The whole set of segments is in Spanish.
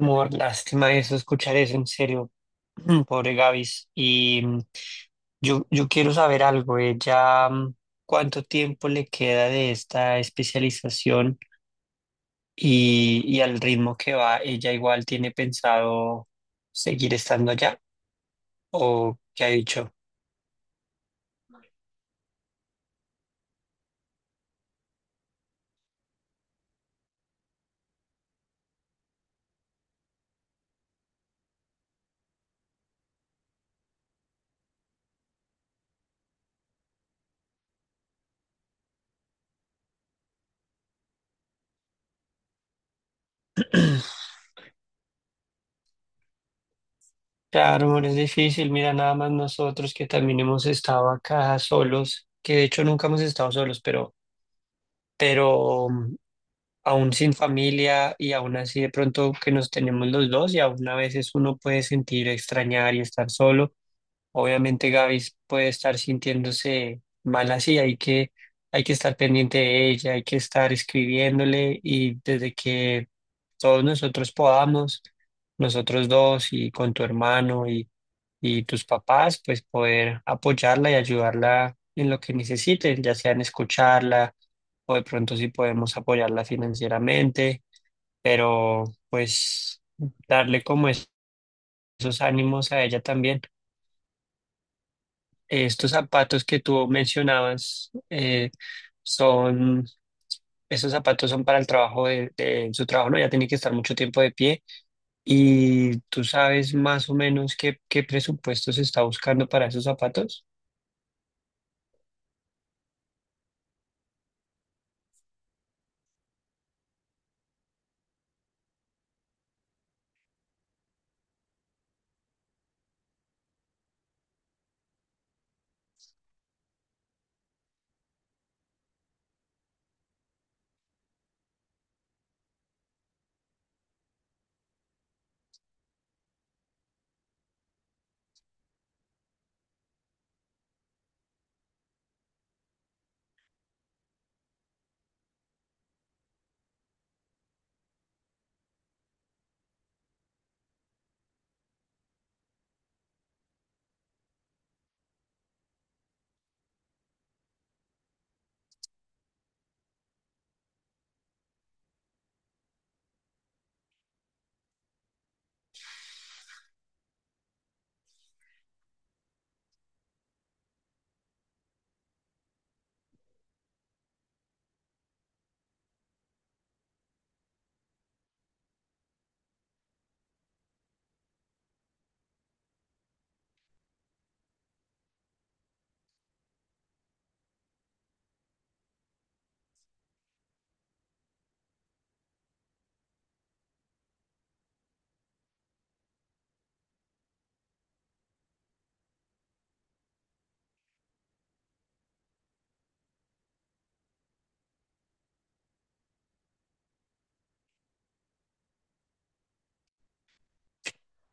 Amor, lástima eso, escuchar eso en serio, pobre Gavis. Y yo quiero saber algo, ella, cuánto tiempo le queda de esta especialización y al ritmo que va, ella igual tiene pensado seguir estando allá o qué ha dicho. Claro, amor, es difícil, mira, nada más nosotros que también hemos estado acá solos, que de hecho nunca hemos estado solos, pero aún sin familia y aún así de pronto que nos tenemos los dos y aún a veces uno puede sentir extrañar y estar solo. Obviamente Gaby puede estar sintiéndose mal así, hay que estar pendiente de ella, hay que estar escribiéndole y desde que todos nosotros podamos, nosotros dos y con tu hermano y tus papás, pues poder apoyarla y ayudarla en lo que necesiten, ya sea en escucharla o de pronto si podemos apoyarla financieramente, pero pues darle como esos ánimos a ella también. Estos zapatos que tú mencionabas son, esos zapatos son para el trabajo de su trabajo, ¿no? Ya tiene que estar mucho tiempo de pie. ¿Y tú sabes más o menos qué presupuesto se está buscando para esos zapatos?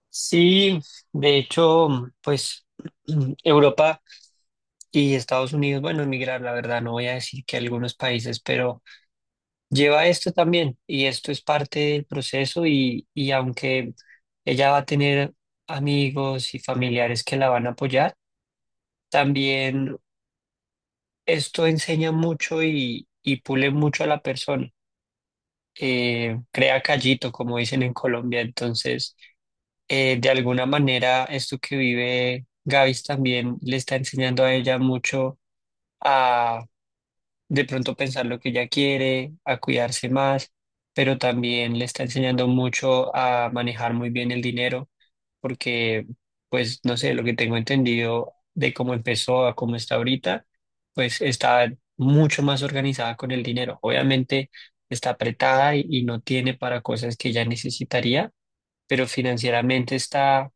Sí, de hecho, pues Europa y Estados Unidos, bueno, emigrar, la verdad, no voy a decir que algunos países, pero lleva esto también y esto es parte del proceso y aunque ella va a tener amigos y familiares que la van a apoyar, también esto enseña mucho y pule mucho a la persona, crea callito, como dicen en Colombia, entonces... de alguna manera esto que vive Gavis también le está enseñando a ella mucho a de pronto pensar lo que ella quiere, a cuidarse más, pero también le está enseñando mucho a manejar muy bien el dinero, porque pues no sé, lo que tengo entendido de cómo empezó a cómo está ahorita, pues está mucho más organizada con el dinero. Obviamente está apretada y no tiene para cosas que ella necesitaría pero financieramente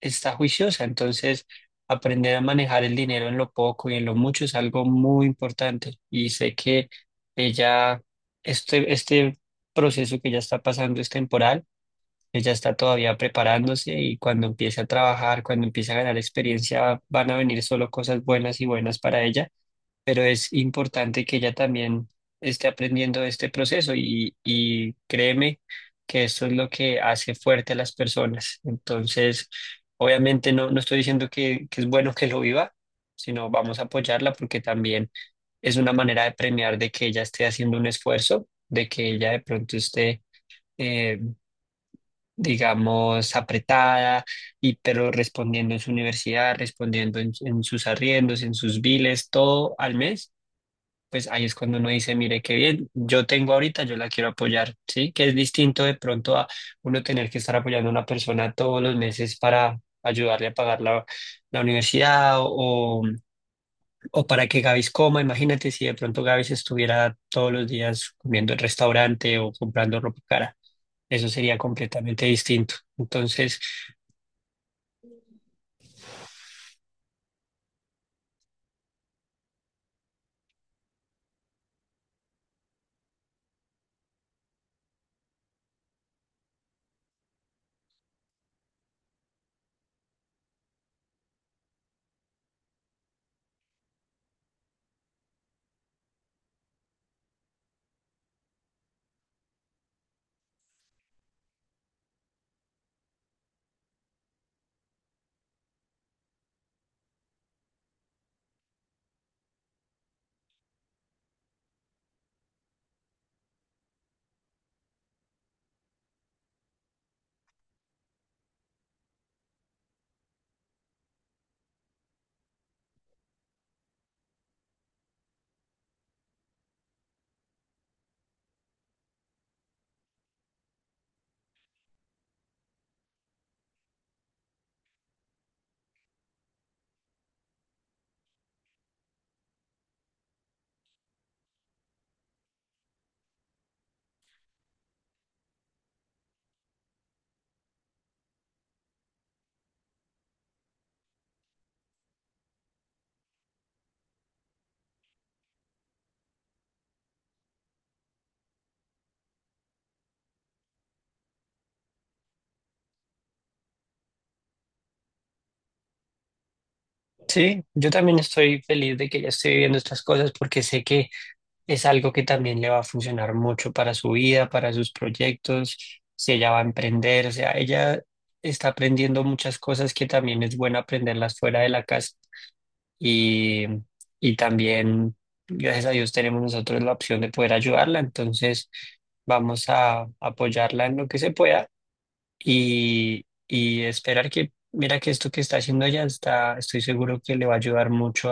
está juiciosa. Entonces, aprender a manejar el dinero en lo poco y en lo mucho es algo muy importante. Y sé que ella, este proceso que ya está pasando es temporal. Ella está todavía preparándose y cuando empiece a trabajar, cuando empiece a ganar experiencia, van a venir solo cosas buenas y buenas para ella pero es importante que ella también esté aprendiendo este proceso y créeme que esto es lo que hace fuerte a las personas. Entonces, obviamente no, no estoy diciendo que es bueno que lo viva, sino vamos a apoyarla porque también es una manera de premiar de que ella esté haciendo un esfuerzo, de que ella de pronto esté, eh, digamos, apretada, pero respondiendo en su universidad, respondiendo en sus arriendos, en sus biles, todo al mes pues ahí es cuando uno dice, mire, qué bien, yo tengo ahorita, yo la quiero apoyar, ¿sí? Que es distinto de pronto a uno tener que estar apoyando a una persona todos los meses para ayudarle a pagar la universidad o para que Gavis coma. Imagínate si de pronto Gavis estuviera todos los días comiendo en restaurante o comprando ropa cara. Eso sería completamente distinto. Entonces, sí, yo también estoy feliz de que ya estoy viviendo estas cosas porque sé que es algo que también le va a funcionar mucho para su vida, para sus proyectos, si ella va a emprender, o sea, ella está aprendiendo muchas cosas que también es bueno aprenderlas fuera de la casa y, y también, gracias a Dios, tenemos nosotros la opción de poder ayudarla, entonces vamos a apoyarla en lo que se pueda y esperar que, mira que esto que está haciendo ella está, estoy seguro que le va a ayudar mucho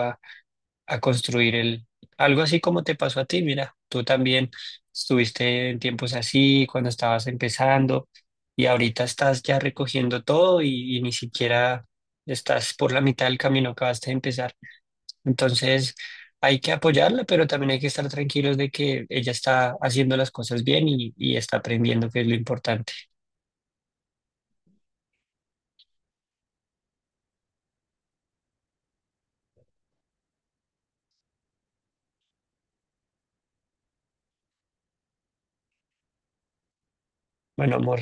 a construir el, algo así como te pasó a ti, mira, tú también estuviste en tiempos así, cuando estabas empezando, y ahorita estás ya recogiendo todo y ni siquiera estás por la mitad del camino que vas a empezar. Entonces, hay que apoyarla, pero también hay que estar tranquilos de que ella está haciendo las cosas bien y está aprendiendo, que es lo importante. Bueno, amor,